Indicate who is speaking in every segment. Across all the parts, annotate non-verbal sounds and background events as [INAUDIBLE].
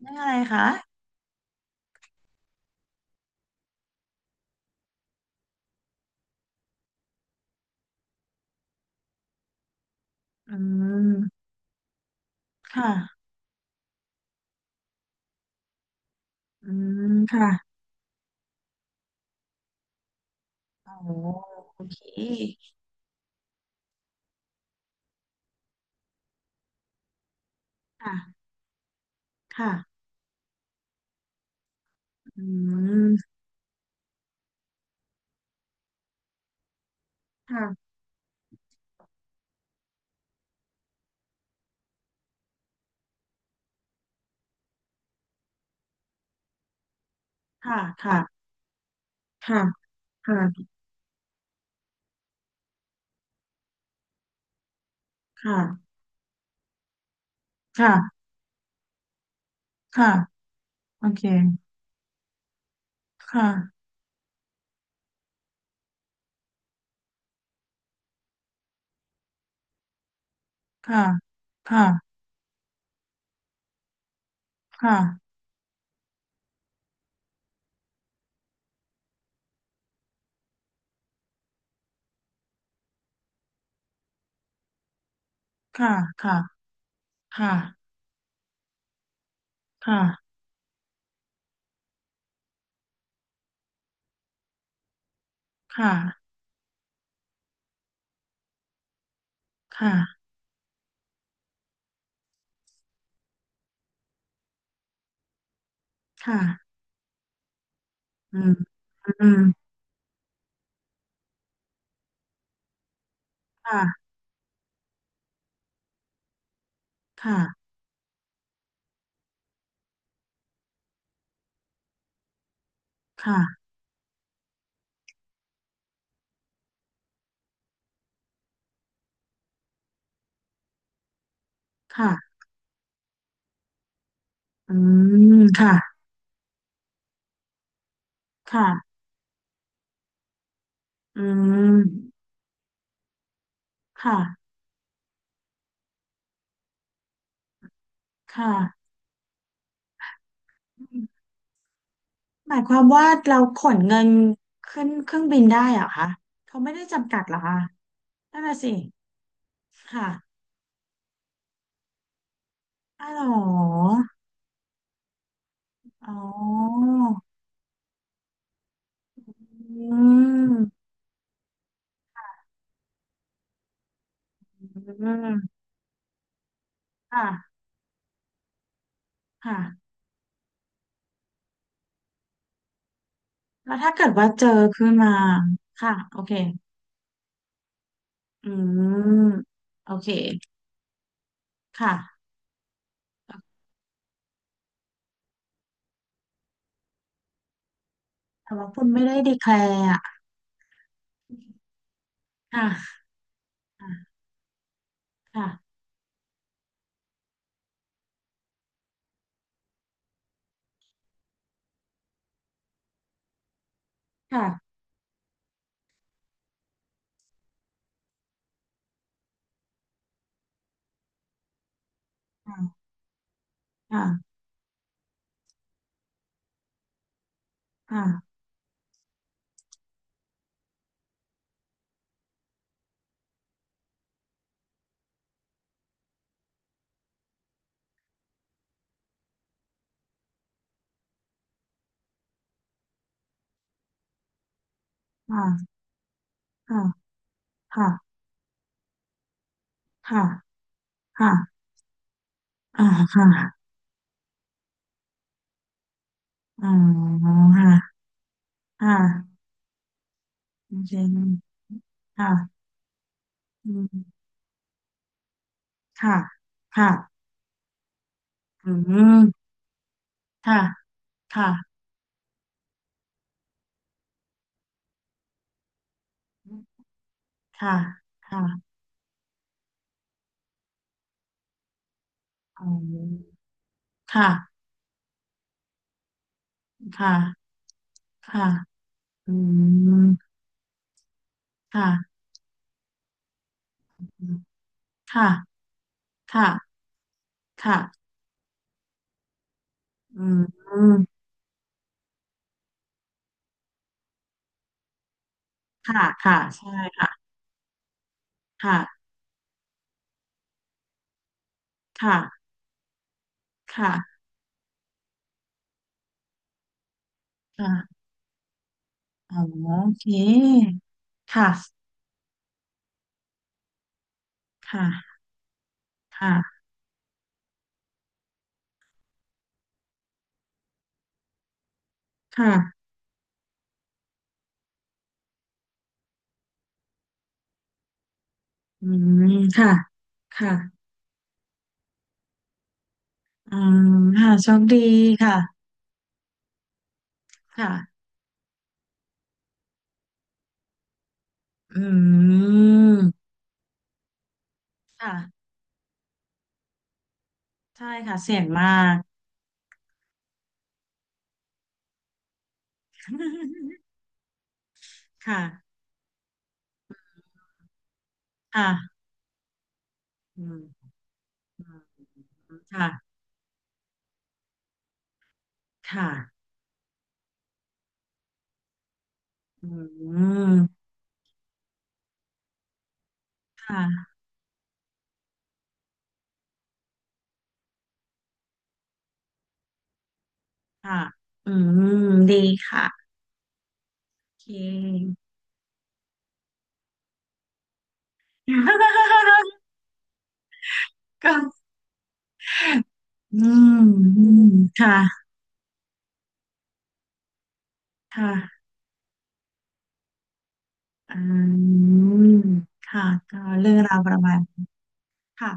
Speaker 1: เรื่องอะไรคะอืมค่ะอืมค่ะโอ้โอเคค่ะค่ะอืมค่ะค่ะค่ะค่ะค่ะค่ะค่ะค่ะโอเคค่ะค่ะค่ะค่ะค่ะค่ะค่ะค่ะค่ะค่ะค่ะอืมอืมค่ะค่ะค่ะค่ะอืมค่ะค่ะอืมค่ะค่ะ หมายความว่าเราขนเงินขึ้นเครื่องบินได้เหรอคะเขาไม่ได้จำกัดเหรอคะนั่นน่ะสิค่ะอ๋อเหรออ๋ออืมอืมค่ะค่ะแล้วถ้าเกิดว่าเจอขึ้นมาค่ะโอเคอืมโอเคค่ะแต่ว่าคุณไม่ได้ดีแคลร์อ่ะค่ะค่ะค่ะค่ะค่ะค่ะค่ะค่ะค่ะค่ะค่ะ อ่าค่ะอ๋อค่ะค่ะโอเคค่ะอืมค่ะค่ะอืมค่ะค่ะค่ะค่ะอ๋อค่ะค่ะค่ะอืมค่ะค่ะค่ะค่ะอืมค่ะค่ะใช่ค่ะค่ะค่ะค่ะค่ะอ๋อโอเคค่ะค่ะค่ะค่ะอืมค่ะค่ะ อืมค่ะโชคดีค่ะค่ะอืมค่ะใช่ค่ะเสี่ยงมาก [LAUGHS] ค่ะค่ะอืมอืมค่ะค่ะอืมค่ะค่ะอืมดีค่ะโอเค [LAUGHS] ก็อืมอืมค่ะค่ะอืมค่ะก็เรื่องราวประมาณค่ะ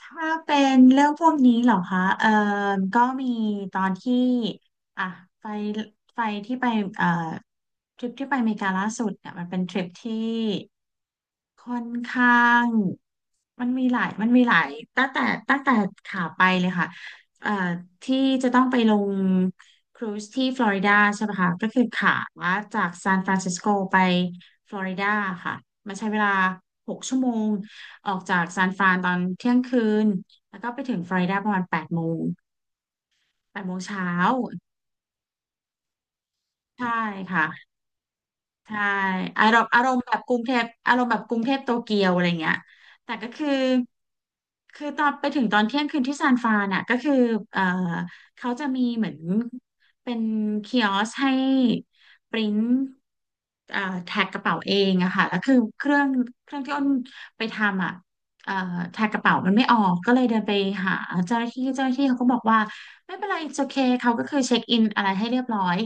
Speaker 1: ถ้าเป็นเรื่องพวกนี้เหรอคะก็มีตอนที่อ่ะไปไปที่เอ่อทริปที่ไปอเมริกาล่าสุดเนี่ยมันเป็นทริปที่ค่อนข้างมันมีหลายตั้งแต่ตั้งแต่ขาไปเลยค่ะเอ่อที่จะต้องไปลงครูซที่ฟลอริดาใช่ไหมคะ ก็คือขาจากซานฟรานซิสโกไปฟลอริดาค่ะ มันใช้เวลา6 ชั่วโมง ออกจากซานฟรานตอนเที่ยงคืนแล้วก็ไปถึงฟลอริดาประมาณแปดโมงเช้าใช่ค่ะ ใช่อารมณ์แบบกรุงเทพอารมณ์แบบกรุงเทพโตเกียวอะไรเงี้ยแต่ก็คือตอนไปถึงตอนเที่ยงคืนที่ซานฟรานอ่ะก็คือเอ่อเขาจะมีเหมือนเป็นคิออสให้ปริ้นเอ่อแท็กกระเป๋าเองอะค่ะแล้วคือเครื่องที่อ้นไปทำอ่ะเอ่อแท็กกระเป๋ามันไม่ออกก็เลยเดินไปหาเจ้าหน้าที่เจ้าหน้าที่เขาก็บอกว่าไม่เป็นไร it's okay เขาก็คือเช็คอินอะไรให้เรียบร้อย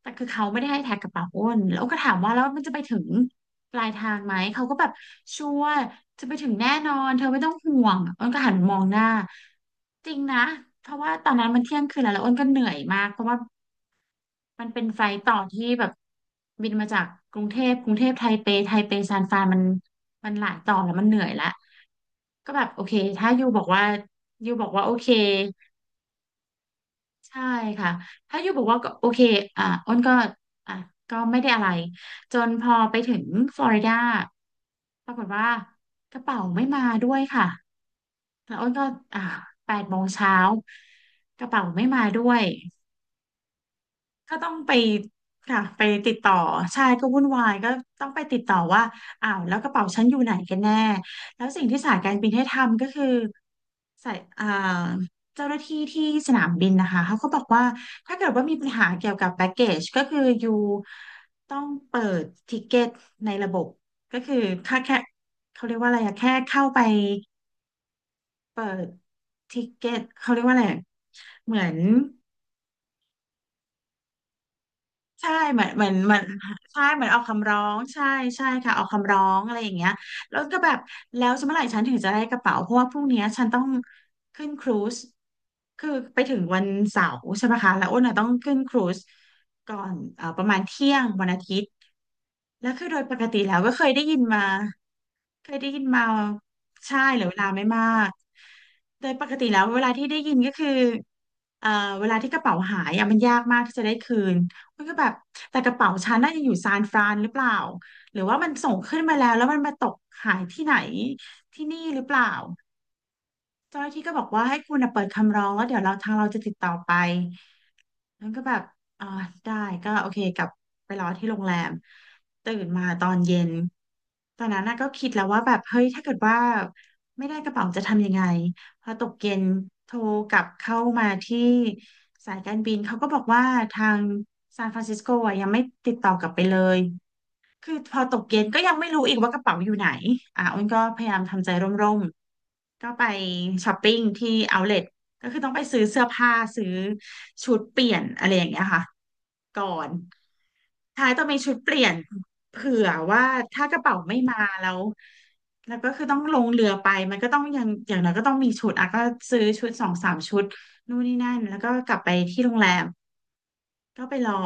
Speaker 1: แต่คือเขาไม่ได้ให้แท็กกระเป๋าอ้นแล้วก็ถามว่าแล้วมันจะไปถึงปลายทางไหมเขาก็แบบชัวร์จะไปถึงแน่นอนเธอไม่ต้องห่วงอ้นก็หันมองหน้าจริงนะเพราะว่าตอนนั้นมันเที่ยงคืนแล้วแล้วอ้นก็เหนื่อยมากเพราะว่ามันเป็นไฟล์ต่อที่แบบบินมาจากกรุงเทพกรุงเทพไทเปไทเปซานฟรานมันหลายต่อแล้วมันเหนื่อยละก็แบบโอเคถ้ายูบอกว่ายูบอกว่าโอเค ใช่ค่ะ ถ้าอยู่บอกว่าก็โอเคอ่าอ้นก็อ่ะก็ไม่ได้อะไร จนพอไปถึงฟลอริดาปรากฏว่ากระเป๋าไม่มาด้วยค่ะ แล้วอ้นก็อ่าแปดโมงเช้า กระเป๋าไม่มาด้วย ก็ต้องไปค่ะไปติดต่อใช่ก็วุ่นวายก็ต้องไปติดต่อว่าอ้าวแล้วกระเป๋าฉันอยู่ไหนกันแน่แล้วสิ่งที่สายการบินให้ทำก็คือสายอ่าเจ้าหน้าที่ที่สนามบินนะคะเขาก็บอกว่าถ้าเกิดว่ามีปัญหาเกี่ยวกับแพ็กเกจก็คืออยู่ต้องเปิดทิเก็ตในระบบก็คือแค่เขาเรียกว่าอะไรอะแค่เข้าไปเปิดทิเก็ตเขาเรียกว่าอะไรอะเหมือน ใช่เหมือนใช่เหมือนเอาคำร้องใช่ใช่ค่ะเอาคำร้องอะไรอย่างเงี้ยแล้วก็แบบแล้วจะเมื่อไหร่ฉันถึงจะได้กระเป๋าเพราะว่าพรุ่งเนี้ยฉันต้องขึ้นครูซคือไปถึงวันเสาร์ใช่ไหมคะแล้วอ้นน่ะต้องขึ้นครูซก่อนประมาณเที่ยงวันอาทิตย์แล้วคือโดยปกติแล้วก็เคยได้ยินมา เคยได้ยินมาใช่เหลือเวลาไม่มากโดยปกติแล้วเวลาที่ได้ยินก็คือเอ่อเวลาที่กระเป๋าหายอะมันยากมากที่จะได้คืนมันก็แบบแต่กระเป๋าฉันน่าจะอยู่ซานฟรานหรือเปล่าหรือว่ามันส่งขึ้นมาแล้วแล้วมันมาตกหายที่ไหนที่นี่หรือเปล่าเจ้าหน้าที่ก็บอกว่าให้คุณน่ะเปิดคำร้องแล้วเดี๋ยวเราทางเราจะติดต่อไป แล้วก็แบบอ่าได้ก็โอเคกลับไปรอที่โรงแรมตื่นมาตอนเย็น ตอนนั้นน่ะก็คิดแล้วว่าแบบ เฮ้ย ถ้าเกิดว่าไม่ได้กระเป๋าจะทำยังไง พอตกเย็นโทรกลับเข้ามาที่สายการบิน เขาก็บอกว่าทางซานฟรานซิสโกอ่ะยังไม่ติดต่อกลับไปเลย คือพอตกเย็นก็ยังไม่รู้อีกว่ากระเป๋าอยู่ไหนอ้นก็พยายามทำใจร่มๆก็ไปช้อปปิ้งที่เอาท์เลก็คือต้องไปซื้อเสื้อผ้าซื้อชุดเปลี่ยนอะไรอย่างเงี้ยค่ะก่อนท้ายต้องมีชุดเปลี่ยนเผื่อว่าถ้ากระเป๋าไม่มาแล้วแล้วก็คือต้องลงเรือไปมันก็ต้องยังอย่างน้อยก็ต้องมีชุดก็ซื้อชุด2-3 ชุดนู่นนี่นั่นแล้วก็กลับไปที่โรงแรม ก็ไปรอ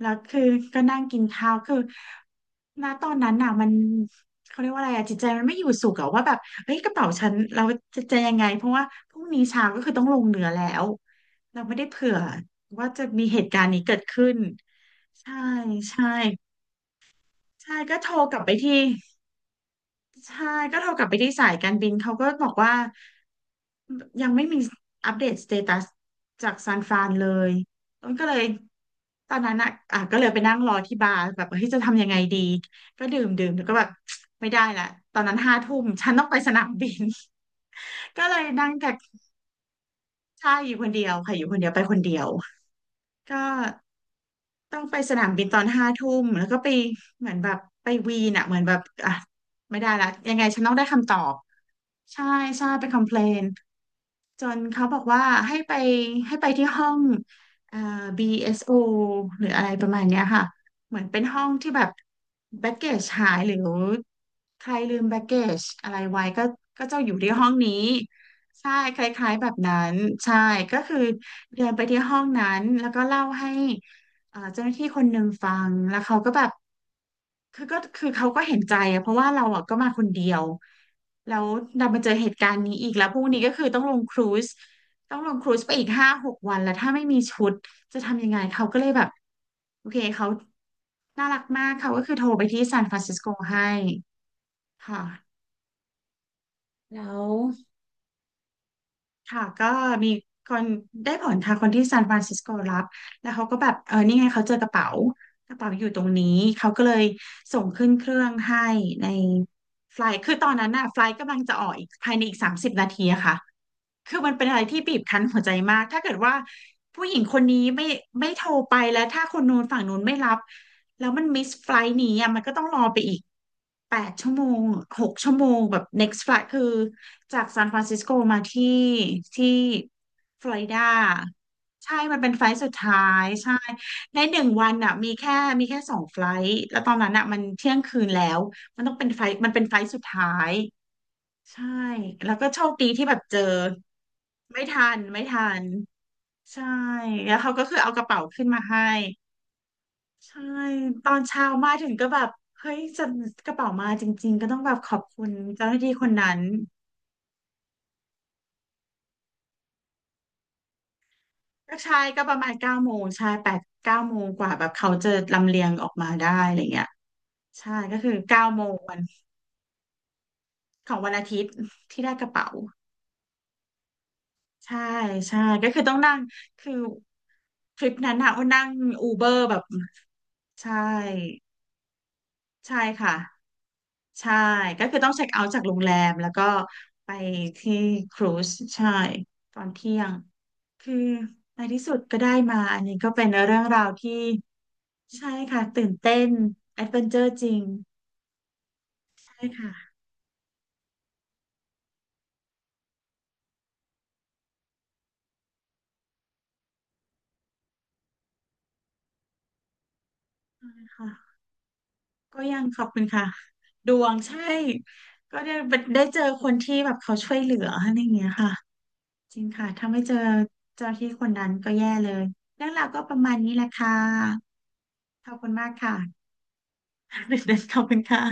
Speaker 1: แล้วคือก็นั่งกินข้าวคือณตอนนั้นน่ะมันเขาเรียกว่าอะไรจิตใจมันไม่อยู่สุขว่าแบบเฮ้ยกระเป๋าฉันเราจะยังไงเพราะว่าพรุ่งนี้เช้าก็คือต้องลงเหนือแล้วเราไม่ได้เผื่อว่าจะมีเหตุการณ์นี้เกิดขึ้นใช่ใช่ใช่ก็โทรกลับไปที่ ใช่ก็โทรกลับไปที่สายการบินเขาก็บอกว่ายังไม่มีอัปเดตสเตตัสจากซานฟรานเลยต้นก็เลยตอนนั้นอ่ะก็เลยไปนั่งรอที่บาร์แบบเฮ้ยจะทำยังไงดีก็ดื่มดื่มแล้วก็แบบ [TSK] ไม่ได้ละตอนนั้นห้าทุ่มฉันต้องไปสนามบิน [LAUGHS] ก็เลยนั่งแท็ก่ใช่อยู่คนเดียวค่ะอยู่คนเดียวไปคนเดียวก็ ต้องไปสนามบินตอนห้าทุ่มแล้วก็ไปเหมือนแบบไปวีนเหมือนแบบอ่ะไม่ได้ละยังไงฉันต้องได้คำตอบใช่ใช่ไปคอมเพลนจนเขาบอกว่าให้ไปให้ไปที่ห้องเอ่อ BSO หรืออะไรประมาณเนี้ยค่ะเหมือนเป็นห้องที่แบบแบ็กเกจหายหรือใครลืมแบ็กเกจอะไรไว้ก็จะอยู่ที่ห้องนี้ใช่คล้ายๆแบบนั้นใช่ก็คือเดินไปที่ห้องนั้นแล้วก็เล่าให้ เจ้าหน้าที่คนหนึ่งฟังแล้วเขาก็แบบก็คือเขาก็เห็นใจเพราะว่าเราก็มาคนเดียวแล้วเรามาเจอเหตุการณ์นี้อีกแล้วพรุ่งนี้ก็คือต้องลงครูซต้องลงครูซไปอีก5-6 วันแล้วถ้าไม่มีชุดจะทำยังไงเขาก็เลยแบบโอเคเขาน่ารักมากเขาก็คือโทรไปที่ซานฟรานซิสโกให้ค่ะแล้ว ค่ะก็มีคนได้ผลทางคนที่ซานฟรานซิสโกรับแล้วเขาก็แบบเออนี่ไงเขาเจอกระเป๋ากระเป๋าอยู่ตรงนี้เขาก็เลยส่งขึ้นเครื่องให้ในไฟล์คือตอนนั้นน่ะไฟล์กำลังจะออกอีกภายในอีก30 นาทีค่ะคือมันเป็นอะไรที่บีบคั้นหัวใจมากถ้าเกิดว่าผู้หญิงคนนี้ไม่โทรไปแล้วถ้าคนนู้นฝั่งนู้นไม่รับแล้วมันมิสไฟล์นี้มันก็ต้องรอไปอีก 8 ชั่วโมง6 ชั่วโมงแบบ next flight คือจากซานฟรานซิสโกมาที่ที่ฟลอริดาใช่มันเป็นไฟลท์สุดท้ายใช่ใน1 วันมีแค่2 ไฟลท์แล้วตอนนั้นมันเที่ยงคืนแล้วมันต้องเป็นไฟลท์มันเป็นไฟลท์สุดท้ายใช่แล้วก็โชคดีที่แบบเจอไม่ทันไม่ทันใช่แล้วเขาก็คือเอากระเป๋าขึ้นมาให้ ใช่ตอนเช้ามาถึงก็แบบเฮ้ยจะกระเป๋ามาจริงๆก็ต้องแบบขอบคุณเจ้าหน้าที่คนนั้นก็ใช่ก็ประมาณเก้าโมงใช่8-9 โมงกว่าแบบเขาจะลำเลียงออกมาได้อะไรเงี้ยใช่ก็คือเก้าโมงวันของวันอาทิตย์ที่ได้กระเป๋าใช่ใช่ก็คือต้องนั่งคือทริปนั้นว่านั่งอูเบอร์แบบใช่ใช่ค่ะ ใช่ก็คือต้องเช็คเอาท์จากโรงแรมแล้วก็ไปที่ครูซใช่ตอนเที่ยงคือในที่สุดก็ได้มาอันนี้ก็เป็นเรื่องราวที่ใช่ค่ะตื่นเต้นแอดเวนเจอร์จริงใช่ค่ะใช่ค่ะก็ยังขอบคุณค่ะดวงใช่ก็ได้ได้เจอคนที่แบบเขาช่วยเหลืออะไรอย่างเงี้ยค่ะจริงค่ะถ้าไม่เจอเจ้าหน้าที่คนนั้นก็แย่เลยเรื่องราวก็ประมาณนี้แหละค่ะขอบคุณมากค่ะ [LAUGHS] ขอบคุณค่ะ